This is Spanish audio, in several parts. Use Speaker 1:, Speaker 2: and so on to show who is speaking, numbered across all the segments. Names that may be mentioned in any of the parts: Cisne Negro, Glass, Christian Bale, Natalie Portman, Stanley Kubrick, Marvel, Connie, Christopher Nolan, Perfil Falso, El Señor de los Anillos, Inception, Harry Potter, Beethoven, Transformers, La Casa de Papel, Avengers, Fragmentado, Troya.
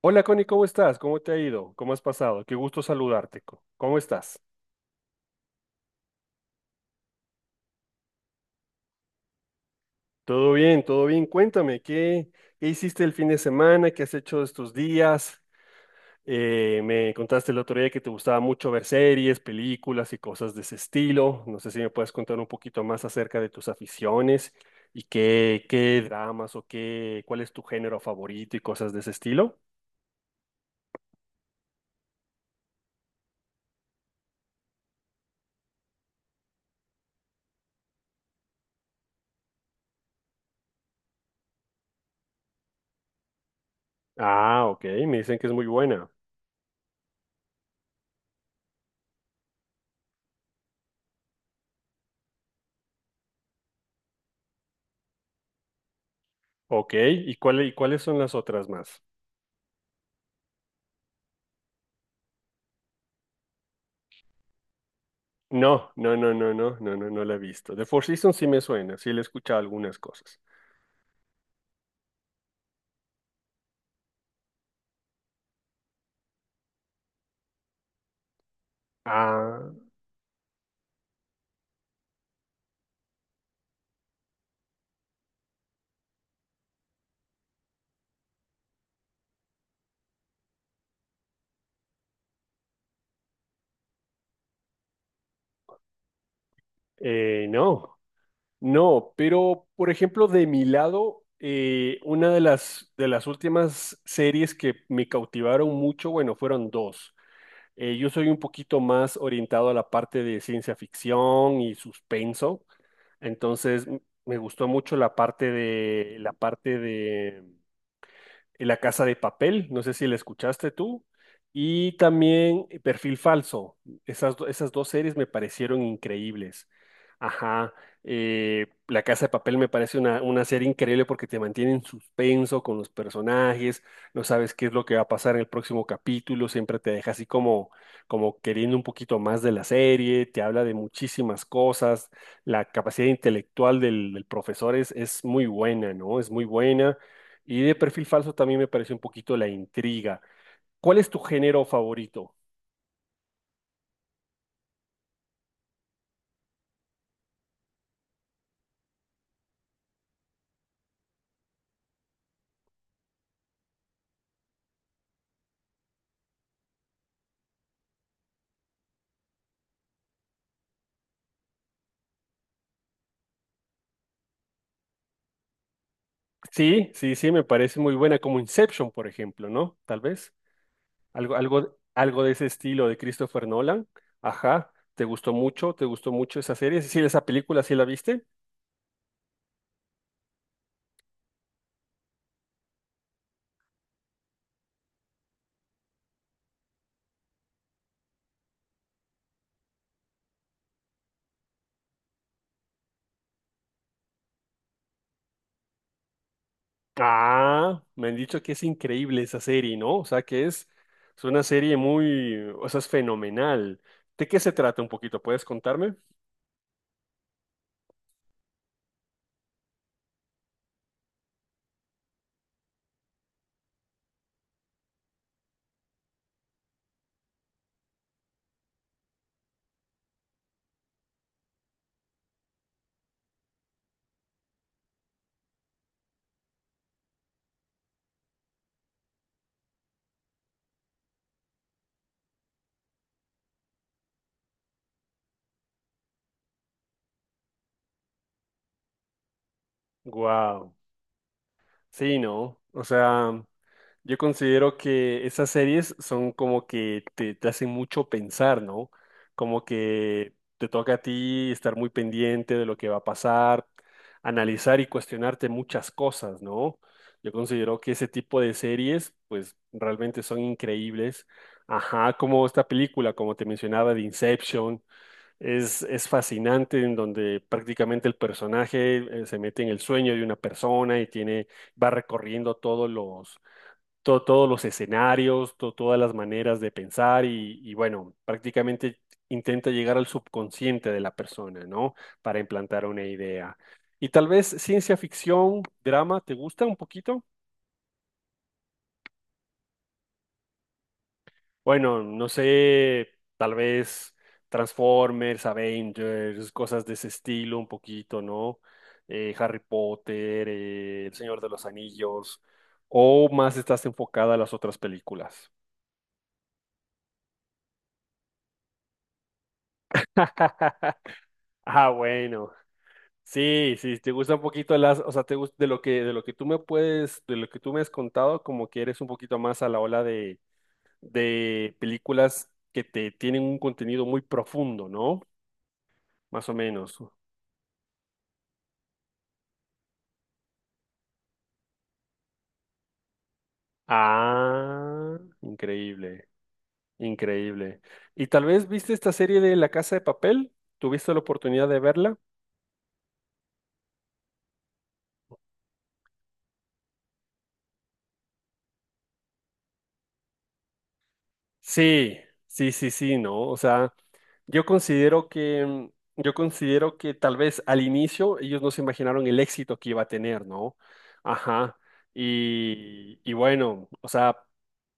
Speaker 1: Hola Connie, ¿cómo estás? ¿Cómo te ha ido? ¿Cómo has pasado? Qué gusto saludarte. ¿Cómo estás? Todo bien, todo bien. Cuéntame, ¿qué hiciste el fin de semana? ¿Qué has hecho estos días? Me contaste el otro día que te gustaba mucho ver series, películas y cosas de ese estilo. No sé si me puedes contar un poquito más acerca de tus aficiones y qué dramas o cuál es tu género favorito y cosas de ese estilo. Ah, ok, me dicen que es muy buena. Ok, ¿y cuáles son las otras más? No, no, no, no, no, no, no, no la he visto. The Four Seasons sí me suena, sí le he escuchado algunas cosas. Ah, no, no, pero por ejemplo, de mi lado, una de de las últimas series que me cautivaron mucho, bueno, fueron dos. Yo soy un poquito más orientado a la parte de ciencia ficción y suspenso, entonces me gustó mucho la parte la parte de La Casa de Papel, no sé si la escuchaste tú, y también Perfil Falso. Esas dos series me parecieron increíbles. Ajá, La Casa de Papel me parece una serie increíble porque te mantiene en suspenso con los personajes, no sabes qué es lo que va a pasar en el próximo capítulo, siempre te deja así como, como queriendo un poquito más de la serie, te habla de muchísimas cosas, la capacidad intelectual del profesor es muy buena, ¿no? Es muy buena y de perfil falso también me pareció un poquito la intriga. ¿Cuál es tu género favorito? Sí, sí, sí, me parece muy buena, como Inception, por ejemplo, ¿no? Tal vez. Algo de ese estilo de Christopher Nolan. Ajá, ¿te gustó mucho? ¿Te gustó mucho esa serie? Sí, esa película, ¿sí la viste? Ah, me han dicho que es increíble esa serie, ¿no? O sea, es una serie muy, o sea, es fenomenal. ¿De qué se trata un poquito? ¿Puedes contarme? Wow. Sí, no. O sea, yo considero que esas series son como que te hacen mucho pensar, ¿no? Como que te toca a ti estar muy pendiente de lo que va a pasar, analizar y cuestionarte muchas cosas, ¿no? Yo considero que ese tipo de series, pues realmente son increíbles. Ajá, como esta película, como te mencionaba, de Inception. Es fascinante en donde prácticamente el personaje se mete en el sueño de una persona y tiene, va recorriendo todos todos los escenarios, todas las maneras de pensar y bueno, prácticamente intenta llegar al subconsciente de la persona, ¿no? Para implantar una idea. Y tal vez ciencia ficción, drama, ¿te gusta un poquito? Bueno, no sé, tal vez Transformers, Avengers, cosas de ese estilo un poquito, ¿no? Harry Potter, El Señor de los Anillos, o más estás enfocada a las otras películas. Ah, bueno. Sí, sí, te gusta un poquito las, o sea, te gusta de lo que tú me puedes, de lo que tú me has contado, como que eres un poquito más a la ola de películas que te tienen un contenido muy profundo, ¿no? Más o menos. Ah, increíble, increíble. ¿Y tal vez viste esta serie de La Casa de Papel? ¿Tuviste la oportunidad de verla? Sí, sí, sí, sí, ¿no? O sea, yo considero que, yo considero que tal vez al inicio ellos no se imaginaron el éxito que iba a tener, ¿no? Ajá. Y bueno, o sea,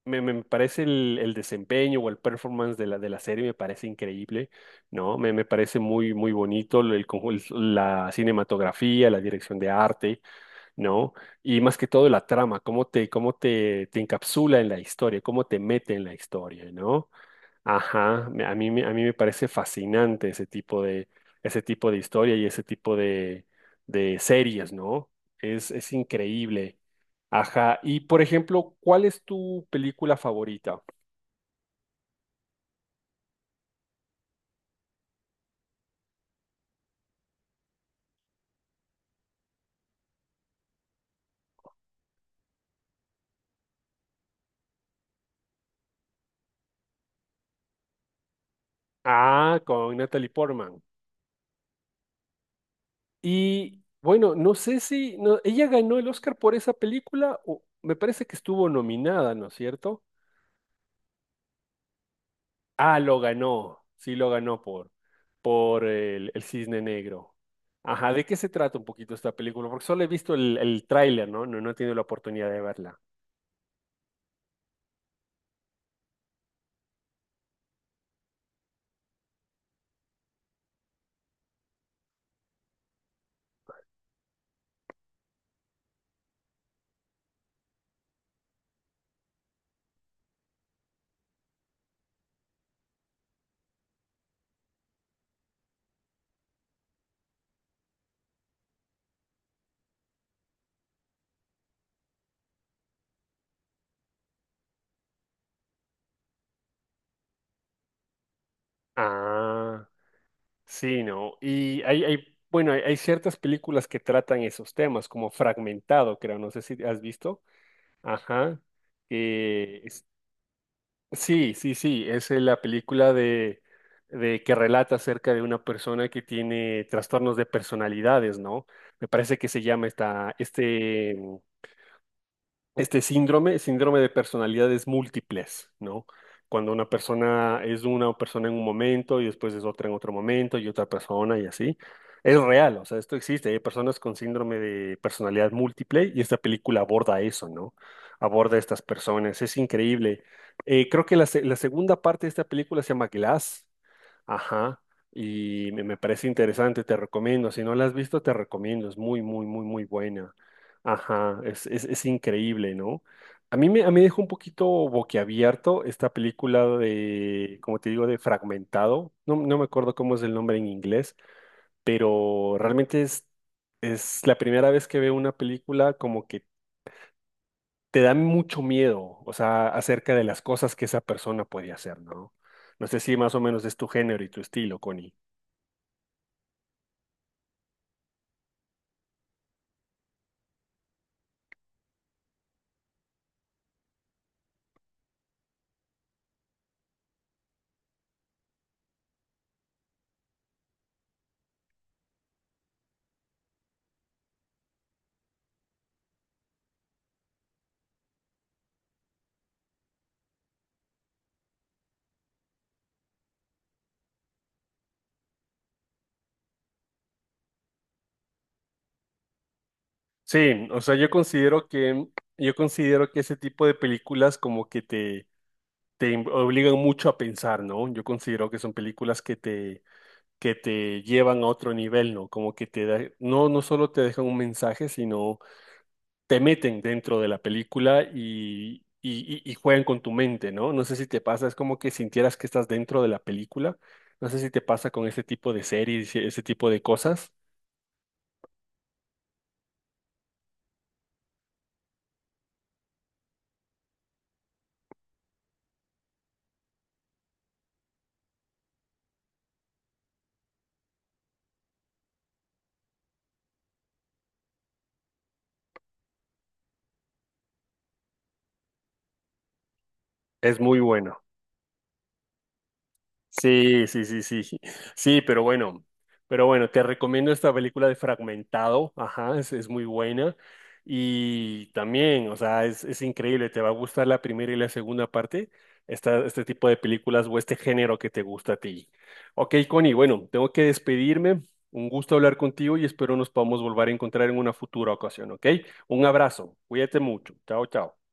Speaker 1: me parece el desempeño o el performance de de la serie me parece increíble, ¿no? Me parece muy, muy bonito la cinematografía, la dirección de arte. ¿No? Y más que todo la trama, cómo te encapsula en la historia, cómo te mete en la historia, ¿no? Ajá, a a mí me parece fascinante ese tipo de historia y ese tipo de series, ¿no? Es increíble. Ajá, y por ejemplo, ¿cuál es tu película favorita? Ah, con Natalie Portman. Y bueno, no sé si no, ella ganó el Oscar por esa película o me parece que estuvo nominada, ¿no es cierto? Ah, lo ganó. Sí, lo ganó por el Cisne Negro. Ajá, ¿de qué se trata un poquito esta película? Porque solo he visto el tráiler, ¿no? ¿No? No he tenido la oportunidad de verla. Ah, sí, ¿no? Y bueno, hay ciertas películas que tratan esos temas, como Fragmentado, creo, no sé si has visto. Ajá, que sí, sí, sí, es la película de que relata acerca de una persona que tiene trastornos de personalidades, ¿no? Me parece que se llama este síndrome de personalidades múltiples, ¿no? Cuando una persona es una persona en un momento y después es otra en otro momento y otra persona y así. Es real, o sea, esto existe. Hay personas con síndrome de personalidad múltiple y esta película aborda eso, ¿no? Aborda a estas personas. Es increíble. Creo que la segunda parte de esta película se llama Glass. Ajá, y me parece interesante, te recomiendo. Si no la has visto, te recomiendo. Es muy, muy, muy, muy buena. Ajá, es increíble, ¿no? A a mí me dejó un poquito boquiabierto esta película de, como te digo, de Fragmentado. No, no me acuerdo cómo es el nombre en inglés, pero realmente es la primera vez que veo una película como que te da mucho miedo, o sea, acerca de las cosas que esa persona puede hacer, ¿no? No sé si más o menos es tu género y tu estilo, Connie. Sí, o sea, yo considero que ese tipo de películas como que obligan mucho a pensar, ¿no? Yo considero que son películas que que te llevan a otro nivel, ¿no? Como que no, no solo te dejan un mensaje, sino te meten dentro de la película y, y juegan con tu mente, ¿no? No sé si te pasa, es como que sintieras que estás dentro de la película. No sé si te pasa con ese tipo de series, ese tipo de cosas. Es muy bueno. Sí, sí, sí, sí, sí, sí, pero bueno, te recomiendo esta película de Fragmentado, ajá, es muy buena y también, o sea, es increíble, te va a gustar la primera y la segunda parte, esta, este tipo de películas o este género que te gusta a ti. Ok, Connie, bueno, tengo que despedirme, un gusto hablar contigo y espero nos podamos volver a encontrar en una futura ocasión, ¿ok? Un abrazo, cuídate mucho, chao, chao.